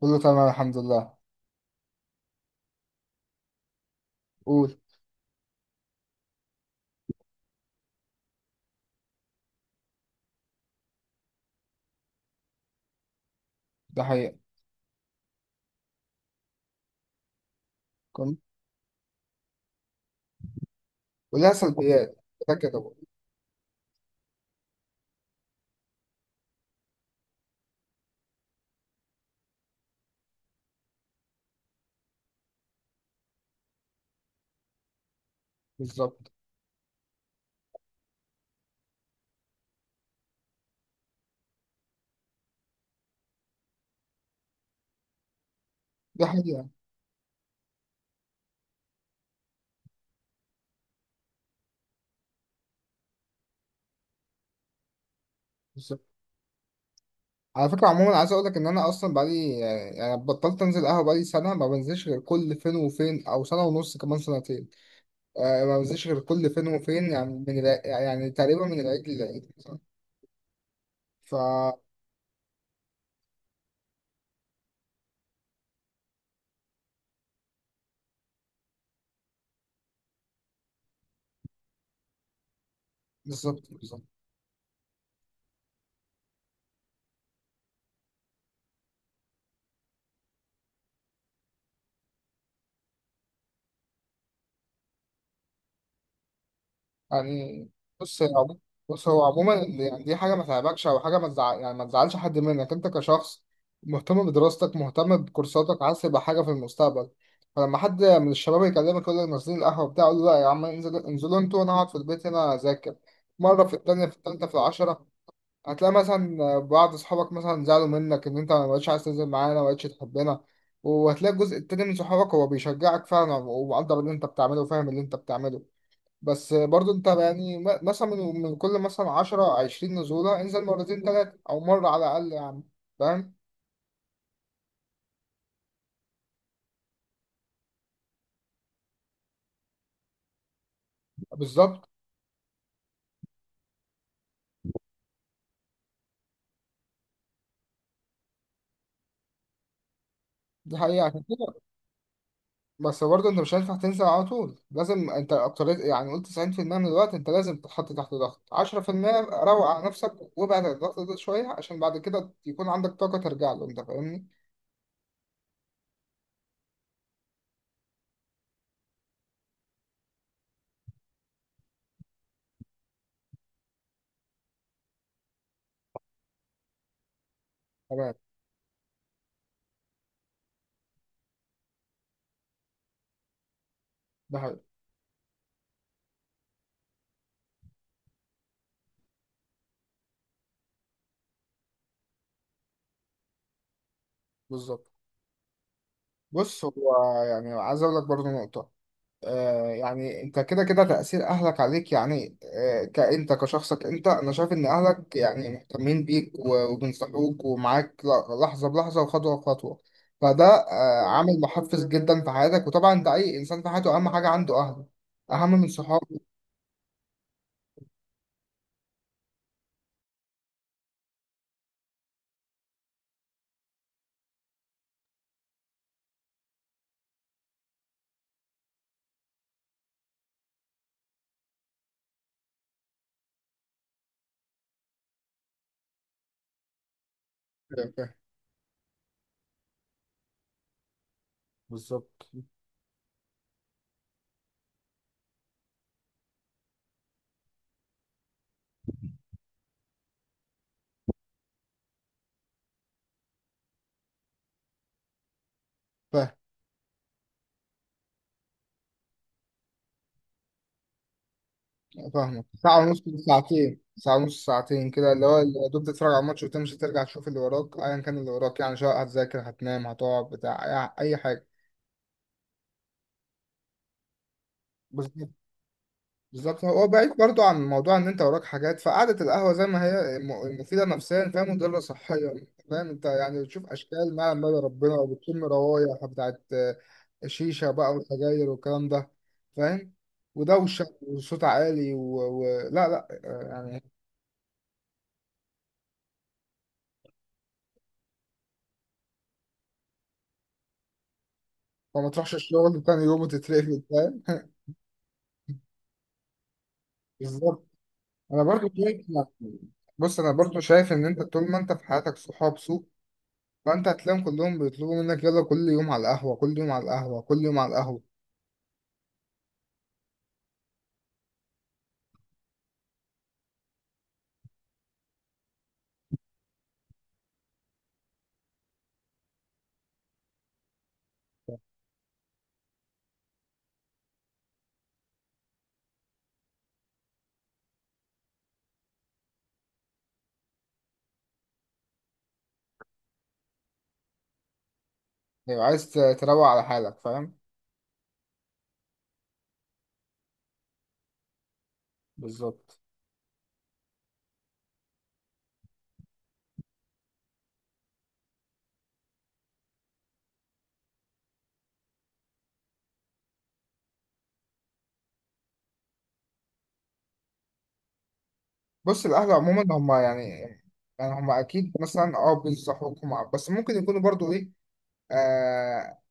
كله تمام، الحمد لله. قول. ده حقيقة. كم. ولها سلبيات. ده كده. بالظبط. ده حقيقة. بالظبط. على فكرة، عموما عايز اقول لك ان انا اصلا بقالي، يعني بطلت انزل قهوة، بقالي سنة ما بنزلش غير كل فين وفين، او سنة ونص، كمان سنتين. آه، ما بنزلش غير كل فين وفين، يعني من يعني تقريبا من العيد للعيد مثلا، ف بالظبط، بالظبط. يعني بص هي عمو- بص هو عموما يعني دي حاجة ما تعبكش أو حاجة ما تزعلش حد منك أنت كشخص مهتم بدراستك، مهتم بكورساتك، عايز تبقى حاجة في المستقبل. فلما حد من الشباب يكلمك يقول لك نازلين القهوة بتاع، قول له لا يا عم، انزل انزلوا انتوا وأنا أقعد في البيت هنا أذاكر. مرة، في التانية، في التالتة، في العشرة هتلاقي مثلا بعض أصحابك مثلا زعلوا منك إن أنت ما بقتش عايز تنزل معانا، ما بقتش تحبنا. وهتلاقي الجزء التاني من صحابك هو بيشجعك فعلا ومقدر اللي أنت بتعمله وفاهم اللي أنت بتعمله. بس برضو انت يعني مثلا من كل مثلا 10 20 نزولة انزل مرتين ثلاثة او مرة على الاقل يعني. فاهم؟ بالظبط. دي حقيقة، عشان كده بس برضو انت مش هينفع تنزل على طول. لازم انت اكتريت يعني قلت 90% من الوقت انت لازم تتحط تحت ضغط، 10% روق على نفسك وابعد عن الضغط ده شوية عشان بعد كده يكون عندك طاقة ترجع له. انت فاهمني؟ تمام. ده حقيقة. بالظبط. بص هو يعني عايز اقول لك برضو نقطة. آه، يعني انت كده كده تأثير اهلك عليك يعني، كأنت كشخصك، انا شايف ان اهلك يعني مهتمين بيك وبينصحوك ومعاك لحظة بلحظة وخطوة بخطوة. فده عامل محفز جدا في حياتك، وطبعا ده اي انسان في حياته اهم حاجة عنده اهله، اهم من صحابه. فاهم. بالظبط. فاهم. فاهمك، ساعة ونص ساعتين، ساعة ونص ساعتين كده اللي هو يا دوب تتفرج على الماتش وتمشي، ترجع تشوف اللي وراك، ايا كان اللي وراك يعني، سواء هتذاكر هتنام هتقعد بتاع. أي حاجة. بس بالظبط، هو بعيد برضو عن موضوع ان انت وراك حاجات، فقعدة القهوة زي ما هي مفيدة نفسيا فهي مضرة صحيا. فاهم؟ انت يعني بتشوف اشكال ما لما ربنا، وبتشم روايح بتاعت شيشة بقى وسجاير والكلام ده. فاهم؟ ودوشة وصوت عالي لا، لا، يعني فما تروحش الشغل تاني يوم وتترفد. فاهم؟ بالظبط. انا برضو شايف، ان انت طول ما انت في حياتك صحاب سوء، فانت هتلاقيهم كلهم بيطلبوا منك يلا كل يوم على القهوة، كل يوم على القهوة، كل يوم على القهوة. لو عايز تروق على حالك فاهم. بالظبط. بص القهوة عموما هما يعني هما أكيد مثلا بينصحوكم بس ممكن يكونوا برضو ايه. آه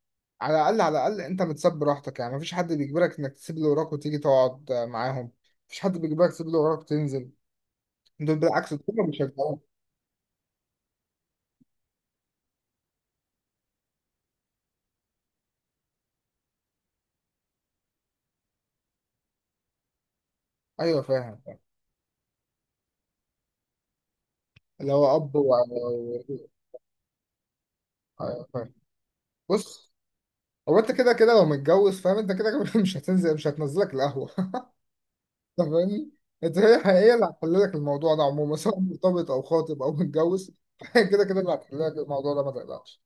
على الأقل، على الأقل أنت بتسب راحتك يعني، مفيش حد بيجبرك إنك تسيب اللي وراك وتيجي تقعد معاهم. مفيش حد بيجبرك تسيب اللي وراك وتنزل. دول بالعكس، دول بيشجعوك. أيوه، فاهم، فاهم. اللي هو أب أيوه فاهم. بص هو انت كده كده لو متجوز، فاهم؟ انت كده كده مش هتنزلك القهوة. انت فاهمني؟ انت هي هي اللي هتحل لك الموضوع ده عموما، سواء مرتبط او خاطب او متجوز. هي كده كده اللي هتحل لك الموضوع ده، ما تقلقش.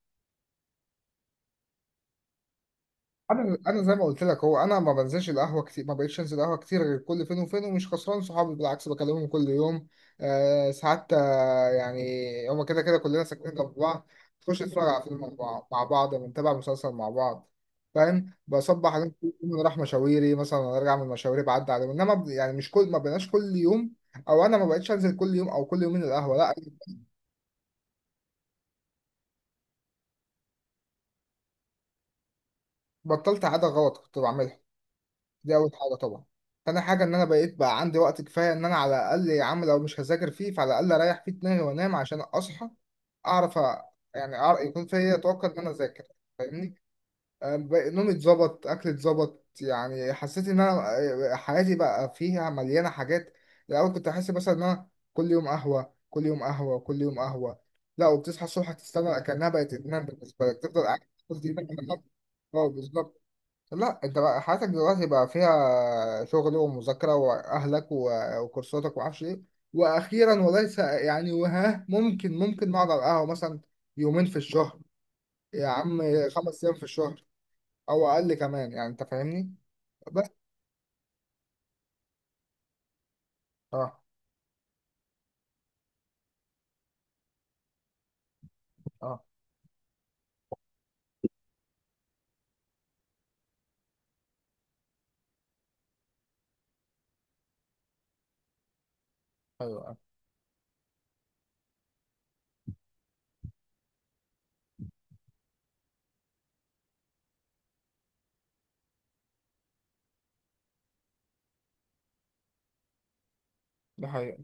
انا زي ما قلت لك، هو انا ما بنزلش القهوه كتير، ما بقتش انزل قهوه كتير غير كل فين وفين، ومش خسران صحابي، بالعكس بكلمهم كل يوم. آه ساعات، آه يعني هما كده كده كلنا ساكنين جنب بعض، تخش نتفرج على فيلم مع بعض، بنتابع مسلسل مع بعض. فاهم؟ بصبح عليهم كل يوم، نروح مشاويري مثلا، أنا ارجع من مشاويري بعدي عليهم. انما يعني مش كل ما بقناش كل يوم، او انا ما بقتش انزل كل يوم او كل يومين القهوه لا. بطلت عاده غلط كنت بعملها، دي اول حاجه طبعا. تاني حاجه ان انا بقيت بقى عندي وقت كفايه، ان انا على الاقل يا عم لو مش هذاكر فيه فعلى الاقل اريح فيه دماغي وانام عشان اصحى، اعرف يعني أعرف يكون فيا طاقه ان انا اذاكر. فاهمني؟ نومي اتظبط، اكلي اتظبط، يعني حسيت ان انا حياتي بقى فيها مليانه حاجات. الاول كنت احس مثلا ان انا كل يوم قهوه، كل يوم قهوه، كل يوم قهوه. لا، وبتصحى الصبح تستنى كانها بقت ادمان بالنسبه لك، تفضل قاعد، تفضل دي- اه بالظبط. لا انت بقى حياتك دلوقتي بقى فيها شغل ومذاكرة واهلك وكورساتك ومعرفش ايه. واخيرا وليس يعني وها، ممكن نقعد على القهوة مثلا يومين في الشهر يا عم، خمس ايام في الشهر، او اقل كمان يعني، انت فاهمني؟ بس. اه، اه، ايوه، اه. ده حقيقي.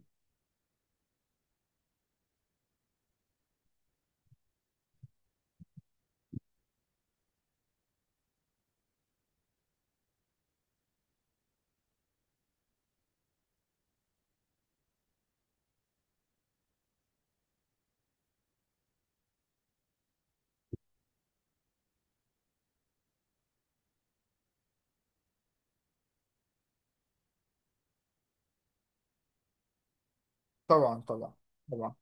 طبعا، طبعا، طبعا.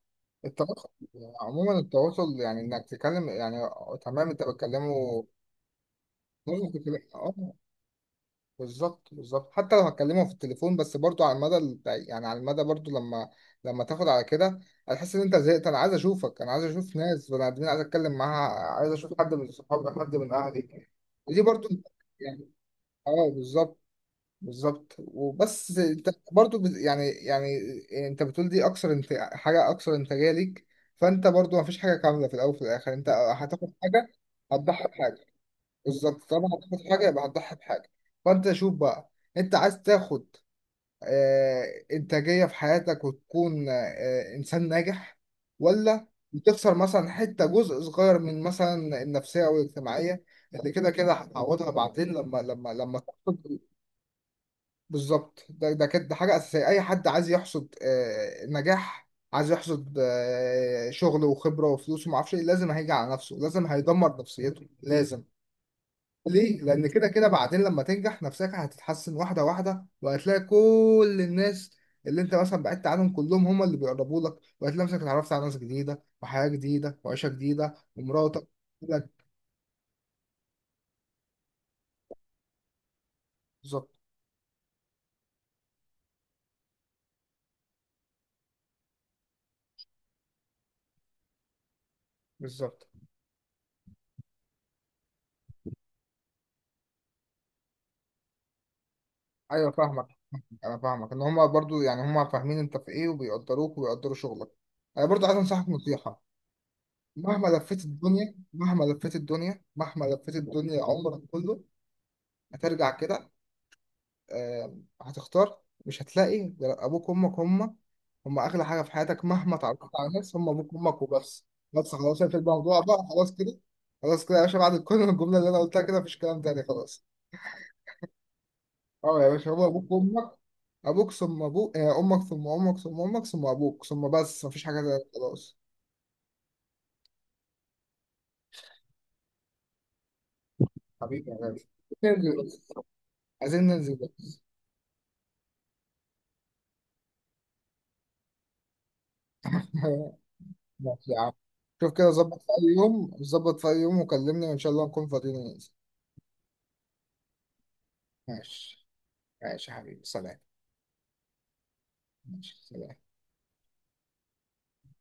التواصل يعني عموما، التواصل يعني انك تتكلم يعني. تمام، انت بتكلمه. اه. بالظبط، بالظبط. حتى لو هتكلمه في التليفون، بس برضو على المدى يعني على المدى برضو لما تاخد على كده هتحس ان انت زهقت، انا عايز اشوفك، انا عايز اشوف ناس بني ادمين عايز اتكلم معاها، عايز اشوف حد من صحابي، حد من اهلي. ودي برضو يعني، اه بالظبط، بالظبط. وبس انت برضو يعني انت بتقول دي اكثر، حاجه اكثر انتاجيه ليك. فانت برضو ما فيش حاجه كامله، في الاول وفي الاخر انت هتاخد حاجه هتضحي بحاجه. بالظبط، طالما هتاخد حاجه يبقى هتضحي بحاجه. فانت شوف بقى، انت عايز تاخد آه، انتاجيه في حياتك وتكون آه، انسان ناجح، ولا بتخسر مثلا حته، جزء صغير من مثلا النفسيه او الاجتماعيه اللي كده كده هتعوضها بعدين لما، لما تحصد. بالظبط، ده كده، ده حاجه اساسيه. اي حد عايز يحصد نجاح، عايز يحصد شغل وخبره وفلوس وما اعرفش ايه، لازم هيجي على نفسه، لازم هيدمر نفسيته، لازم. ليه؟ لأن كده كده بعدين لما تنجح نفسك هتتحسن واحدة واحدة، وهتلاقي كل الناس اللي أنت مثلا بعدت عنهم كلهم هم اللي بيقربوا لك، وهتلاقي نفسك اتعرفت على ناس جديدة وحياة جديدة وعيشة جديدة ومراتك لك. بالظبط، بالظبط. أيوه، فاهمك. أنا فاهمك إن هم برضو يعني هم فاهمين أنت في إيه وبيقدروك وبيقدروا شغلك. أنا برضو عايز أنصحك نصيحة، مهما لفيت الدنيا، مهما لفيت الدنيا، مهما لفيت الدنيا عمرك كله هترجع كده، آه، هتختار. مش هتلاقي غير ابوك وامك، هم هم اغلى حاجه في حياتك، مهما اتعرفت على ناس، هم ابوك وامك وبس. بس خلاص في الموضوع بقى، خلاص كده، خلاص كده يا باشا، بعد كل الجمله اللي انا قلتها كده مفيش كلام تاني خلاص. اه يا باشا، هو ابوك وامك، ابوك ثم ابوك، امك ثم امك ثم امك ثم ابوك ثم بس، مفيش حاجه تاني خلاص. حبيبي يا غالي. ننزل بس عايزين ننزل بس. ماشي يا عم. شوف كده، ظبط في اي يوم، ظبط في اي يوم وكلمني، وان شاء الله نكون فاضيين وننزل. ماشي ماشي يا حبيبي، سلام. ماشي، سلام.